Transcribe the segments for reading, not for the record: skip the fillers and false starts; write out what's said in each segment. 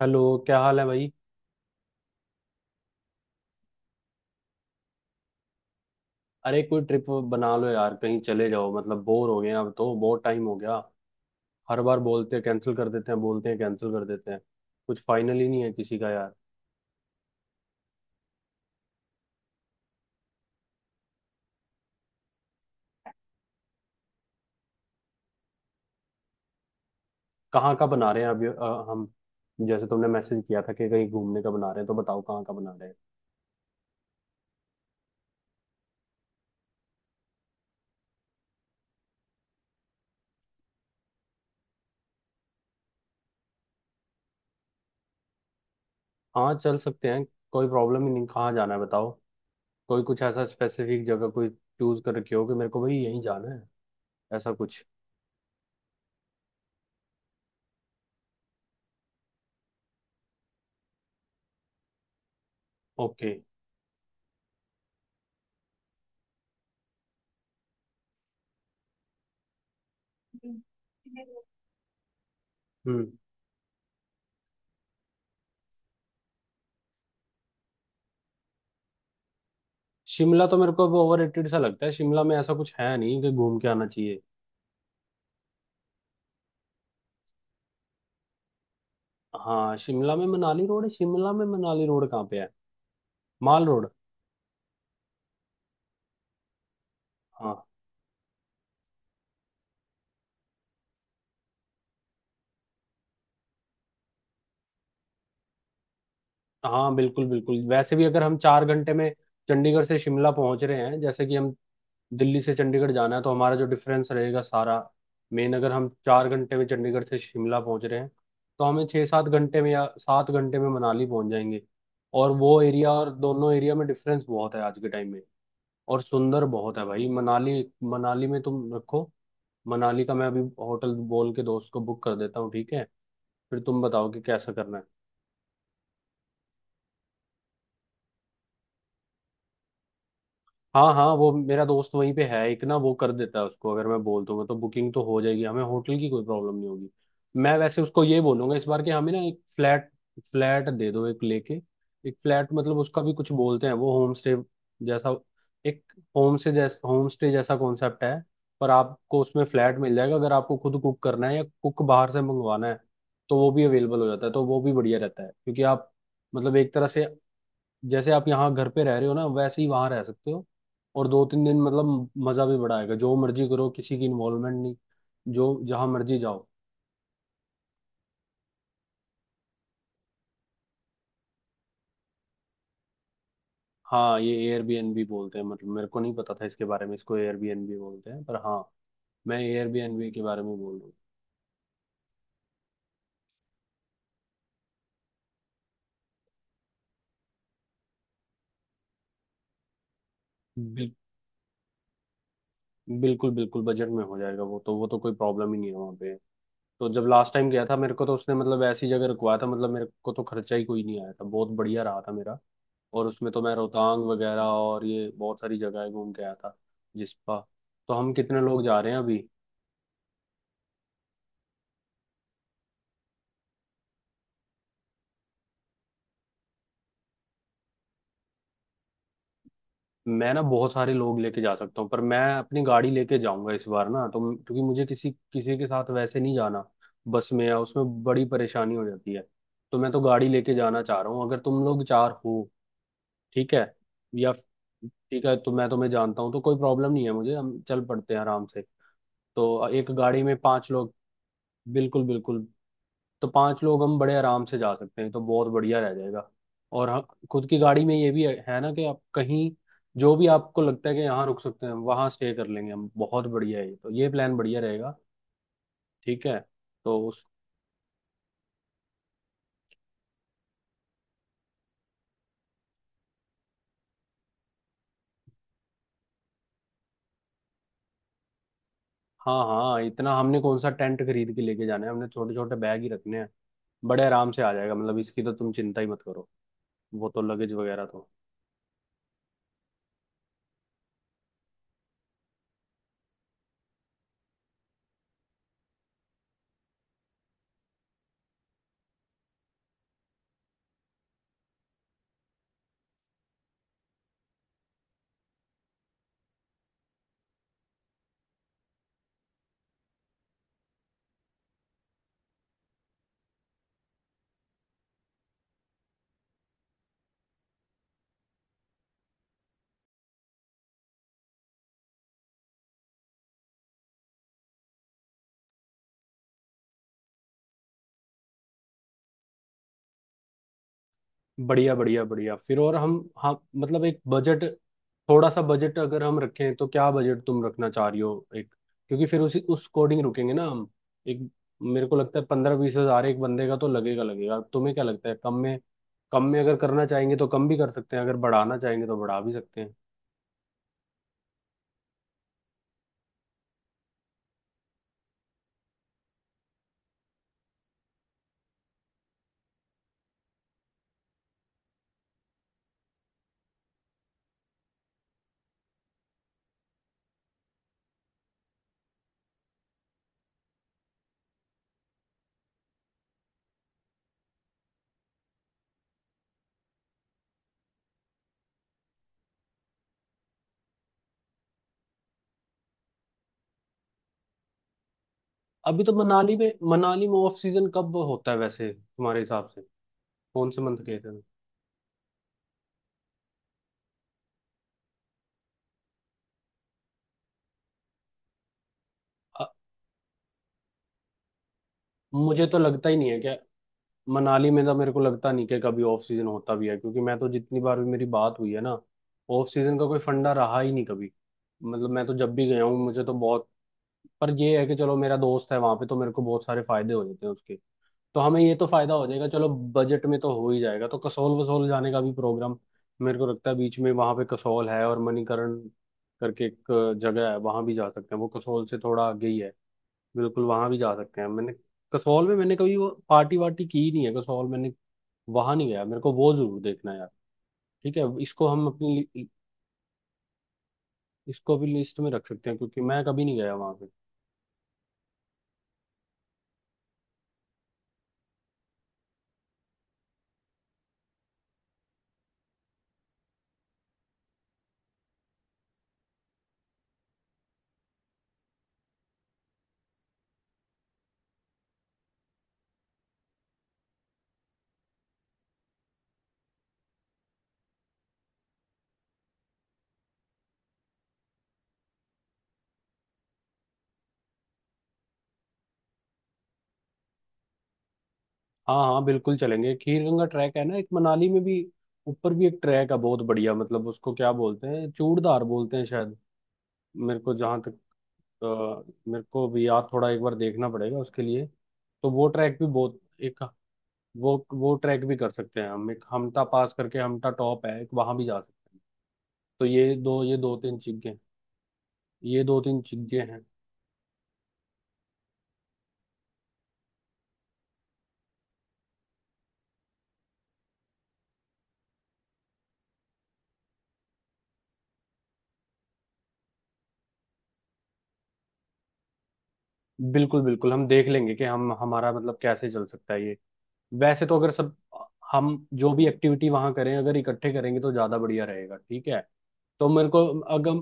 Hello, क्या हाल है भाई? अरे कोई ट्रिप बना लो यार, कहीं चले जाओ, मतलब बोर हो गए हैं, अब तो बहुत टाइम हो गया। हर बार बोलते हैं कैंसिल कर देते हैं, बोलते हैं कैंसिल कर देते हैं, कुछ फाइनल ही नहीं है किसी का यार। कहाँ का बना रहे हैं अभी, हम, जैसे तुमने मैसेज किया था कि कहीं घूमने का बना रहे हैं, तो बताओ कहाँ का बना रहे हैं? हाँ, चल सकते हैं, कोई प्रॉब्लम ही नहीं, कहाँ जाना है बताओ। कोई कुछ ऐसा स्पेसिफिक जगह कोई चूज कर रखी हो कि मेरे को भाई यहीं जाना है, ऐसा कुछ? ओके। हम्म शिमला तो मेरे को वो ओवररेटेड सा लगता है, शिमला में ऐसा कुछ है नहीं कि घूम के आना चाहिए। हाँ, शिमला में मनाली रोड है? शिमला में मनाली रोड कहाँ पे है? माल रोड। हाँ हाँ, बिल्कुल बिल्कुल, वैसे भी अगर हम 4 घंटे में चंडीगढ़ से शिमला पहुंच रहे हैं, जैसे कि हम दिल्ली से चंडीगढ़ जाना है, तो हमारा जो डिफरेंस रहेगा सारा, मेन, अगर हम 4 घंटे में चंडीगढ़ से शिमला पहुंच रहे हैं तो हमें 6-7 घंटे में या 7 घंटे में मनाली पहुंच जाएंगे। और वो एरिया और दोनों एरिया में डिफरेंस बहुत है आज के टाइम में, और सुंदर बहुत है भाई मनाली। मनाली में तुम रखो, मनाली का मैं अभी होटल बोल के दोस्त को बुक कर देता हूँ, ठीक है? फिर तुम बताओ कि कैसा करना है। हाँ हाँ, वो मेरा दोस्त वहीं पे है एक ना, वो कर देता है, उसको अगर मैं बोल दूंगा तो बुकिंग तो हो जाएगी, हमें होटल की कोई प्रॉब्लम नहीं होगी। मैं वैसे उसको ये बोलूंगा इस बार कि हमें ना एक फ्लैट फ्लैट दे दो एक लेके, एक फ्लैट, मतलब उसका भी कुछ बोलते हैं, वो होम स्टे जैसा। एक होम स्टे जैसा कॉन्सेप्ट है, पर आपको उसमें फ्लैट मिल जाएगा, अगर आपको खुद कुक करना है या कुक बाहर से मंगवाना है तो वो भी अवेलेबल हो जाता है। तो वो भी बढ़िया रहता है, क्योंकि आप, मतलब एक तरह से जैसे आप यहाँ घर पे रह रहे हो ना, वैसे ही वहां रह सकते हो। और 2-3 दिन, मतलब मजा भी बड़ा आएगा, जो मर्जी करो, किसी की इन्वॉल्वमेंट नहीं, जो जहां मर्जी जाओ। हाँ, ये एयरबीएनबी बोलते हैं? मतलब मेरे को नहीं पता था इसके बारे में, इसको एयरबीएनबी बोलते हैं, पर हाँ, मैं एयरबीएनबी के बारे में बोल रहा हूँ। बिल्कुल बिल्कुल, बजट में हो जाएगा, वो तो कोई प्रॉब्लम ही नहीं है वहाँ पे। तो जब लास्ट टाइम गया था मेरे को, तो उसने मतलब ऐसी जगह रुकवाया था, मतलब मेरे को तो खर्चा ही कोई नहीं आया था, बहुत बढ़िया रहा था मेरा, और उसमें तो मैं रोहतांग वगैरह और ये बहुत सारी जगहें घूम के आया था, जिसपा। तो हम कितने लोग जा रहे हैं अभी? मैं ना बहुत सारे लोग लेके जा सकता हूँ, पर मैं अपनी गाड़ी लेके जाऊंगा इस बार ना, तो क्योंकि मुझे किसी किसी के साथ वैसे नहीं जाना, बस में या उसमें बड़ी परेशानी हो जाती है। तो मैं तो गाड़ी लेके जाना चाह रहा हूँ, अगर तुम लोग चार हो, ठीक है? या ठीक है, तो मैं तुम्हें जानता हूँ तो कोई प्रॉब्लम नहीं है मुझे, हम चल पड़ते हैं आराम से। तो एक गाड़ी में पांच लोग, बिल्कुल बिल्कुल, तो पांच लोग हम बड़े आराम से जा सकते हैं, तो बहुत बढ़िया रह जाएगा। और हम खुद की गाड़ी में ये भी है ना, कि आप कहीं जो भी आपको लगता है कि यहाँ रुक सकते हैं वहाँ स्टे कर लेंगे, हम बहुत बढ़िया है, ये तो ये प्लान बढ़िया रहेगा। ठीक है। तो उस हाँ हाँ, इतना हमने कौन सा टेंट खरीद के लेके जाना है, हमने छोटे छोटे बैग ही रखने हैं, बड़े आराम से आ जाएगा, मतलब इसकी तो तुम चिंता ही मत करो, वो तो लगेज वगैरह तो। बढ़िया बढ़िया बढ़िया, फिर और हम, हाँ मतलब एक बजट, थोड़ा सा बजट अगर हम रखें तो क्या बजट तुम रखना चाह रही हो, एक, क्योंकि फिर उसी उस अकॉर्डिंग रुकेंगे ना हम, एक। मेरे को लगता है 15-20 हजार एक बंदे का तो लगेगा, तुम्हें क्या लगता है? कम में, अगर करना चाहेंगे तो कम भी कर सकते हैं, अगर बढ़ाना चाहेंगे तो बढ़ा भी सकते हैं। अभी तो मनाली में ऑफ सीजन कब होता है वैसे तुम्हारे हिसाब से, कौन से मंथ गए थे? अ, मुझे तो लगता ही नहीं है कि मनाली में, तो मेरे को लगता नहीं कि कभी ऑफ सीजन होता भी है, क्योंकि मैं तो जितनी बार भी मेरी बात हुई है ना, ऑफ सीजन का कोई फंडा रहा ही नहीं कभी। मतलब मैं तो जब भी गया हूँ मुझे तो बहुत, पर ये है कि चलो, मेरा दोस्त है वहां पे तो मेरे को बहुत सारे फायदे हो जाते हैं उसके, तो हमें ये तो फायदा हो जाएगा चलो। बजट में तो हो ही जाएगा, तो कसौल वसौल जाने का भी प्रोग्राम, मेरे को लगता है बीच में वहां पे कसौल है और मणिकरण करके एक जगह है, वहां भी जा सकते हैं, वो कसौल से थोड़ा आगे ही है, बिल्कुल वहां भी जा सकते हैं। मैंने कसौल में मैंने कभी वो पार्टी वार्टी की नहीं है, कसौल मैंने वहां नहीं गया, मेरे को वो जरूर देखना है यार। ठीक है, इसको हम इसको भी लिस्ट में रख सकते हैं क्योंकि मैं कभी नहीं गया वहां पे। हाँ हाँ बिल्कुल चलेंगे, खीर गंगा ट्रैक है ना एक मनाली में भी, ऊपर भी एक ट्रैक है बहुत बढ़िया, मतलब उसको क्या बोलते हैं, चूड़धार बोलते हैं शायद, मेरे को जहाँ तक, अ, मेरे को भी याद, थोड़ा एक बार देखना पड़ेगा उसके लिए। तो वो ट्रैक भी बहुत, एक, वो ट्रैक भी कर सकते हैं हम, एक हमटा पास करके हमटा टॉप है एक, वहां भी जा सकते हैं। तो ये दो तीन चीजें हैं। बिल्कुल बिल्कुल, हम देख लेंगे कि हम हमारा मतलब कैसे चल सकता है ये। वैसे तो अगर सब, हम जो भी एक्टिविटी वहां करें अगर इकट्ठे करेंगे तो ज्यादा बढ़िया रहेगा, ठीक है? तो मेरे को, अगर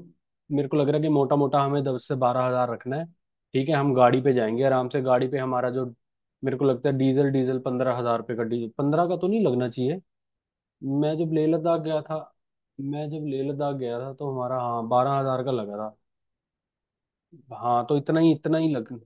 मेरे को लग रहा है कि मोटा मोटा हमें 10 से 12 हजार रखना है, ठीक है? हम गाड़ी पे जाएंगे आराम से, गाड़ी पे हमारा जो, मेरे को लगता है डीजल डीजल 15 हजार रुपये का, डीजल 15 का तो नहीं लगना चाहिए। मैं जब लेह लद्दाख गया था, तो हमारा, हाँ, 12 हजार का लगा था। हाँ, तो इतना ही, इतना ही लग।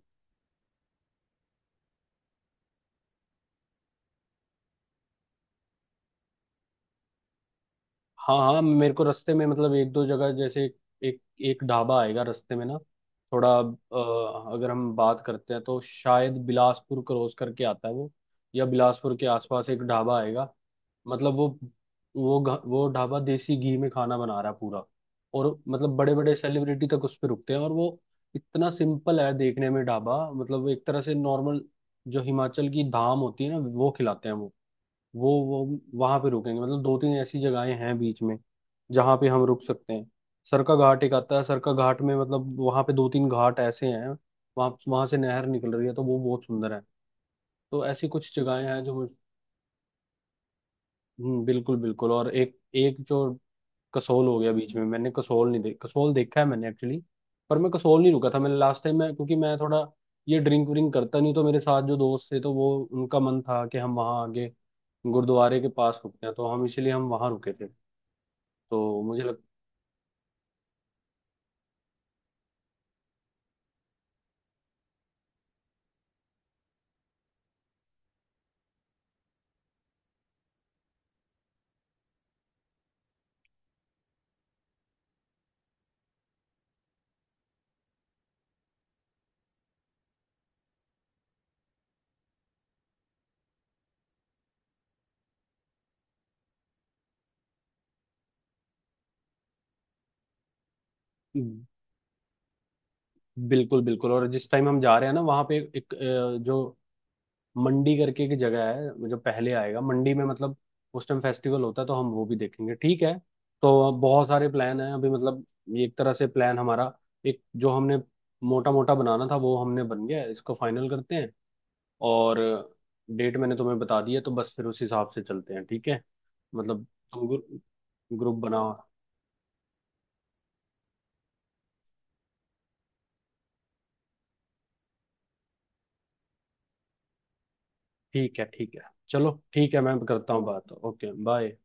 हाँ हाँ, मेरे को रास्ते में मतलब एक दो जगह, जैसे एक एक ढाबा आएगा रास्ते में ना, थोड़ा, अगर हम बात करते हैं तो शायद बिलासपुर क्रॉस करके आता है वो, या बिलासपुर के आसपास एक ढाबा आएगा, मतलब वो, वो ढाबा देसी घी में खाना बना रहा है पूरा। और मतलब बड़े बड़े सेलिब्रिटी तक उस पे रुकते हैं और वो इतना सिंपल है देखने में ढाबा, मतलब एक तरह से नॉर्मल, जो हिमाचल की धाम होती है ना वो खिलाते हैं। वो वहां पे रुकेंगे, मतलब दो तीन ऐसी जगहें हैं बीच में जहां पे हम रुक सकते हैं। सरका घाट एक आता है, सरका घाट में मतलब वहां पे दो तीन घाट ऐसे हैं, वहां वहां से नहर निकल रही है तो वो बहुत सुंदर है। तो ऐसी कुछ जगहें हैं जो बिल्कुल बिल्कुल, और एक एक जो कसोल हो गया बीच में, मैंने कसोल नहीं देख, कसोल देखा है मैंने एक्चुअली, पर मैं कसोल नहीं रुका था मैंने लास्ट टाइम, मैं, क्योंकि मैं थोड़ा ये ड्रिंक व्रिंक करता नहीं, तो मेरे साथ जो दोस्त थे तो वो उनका मन था कि हम वहाँ आगे गुरुद्वारे के पास रुकते हैं, तो हम इसीलिए हम वहाँ रुके थे। तो मुझे लग। बिल्कुल बिल्कुल, और जिस टाइम हम जा रहे हैं ना, वहाँ पे एक, जो मंडी करके एक जगह है जो पहले आएगा मंडी में, मतलब उस टाइम फेस्टिवल होता है तो हम वो भी देखेंगे, ठीक है? तो बहुत सारे प्लान हैं अभी मतलब, ये एक तरह से प्लान हमारा, एक जो हमने मोटा मोटा बनाना था वो हमने बन गया है। इसको फाइनल करते हैं, और डेट मैंने तुम्हें बता दी है, तो बस फिर उस हिसाब से चलते हैं ठीक है? मतलब तुम ग्रुप ग्रुप बनाओ। ठीक है ठीक है, चलो ठीक है, मैं करता हूँ बात, ओके बाय।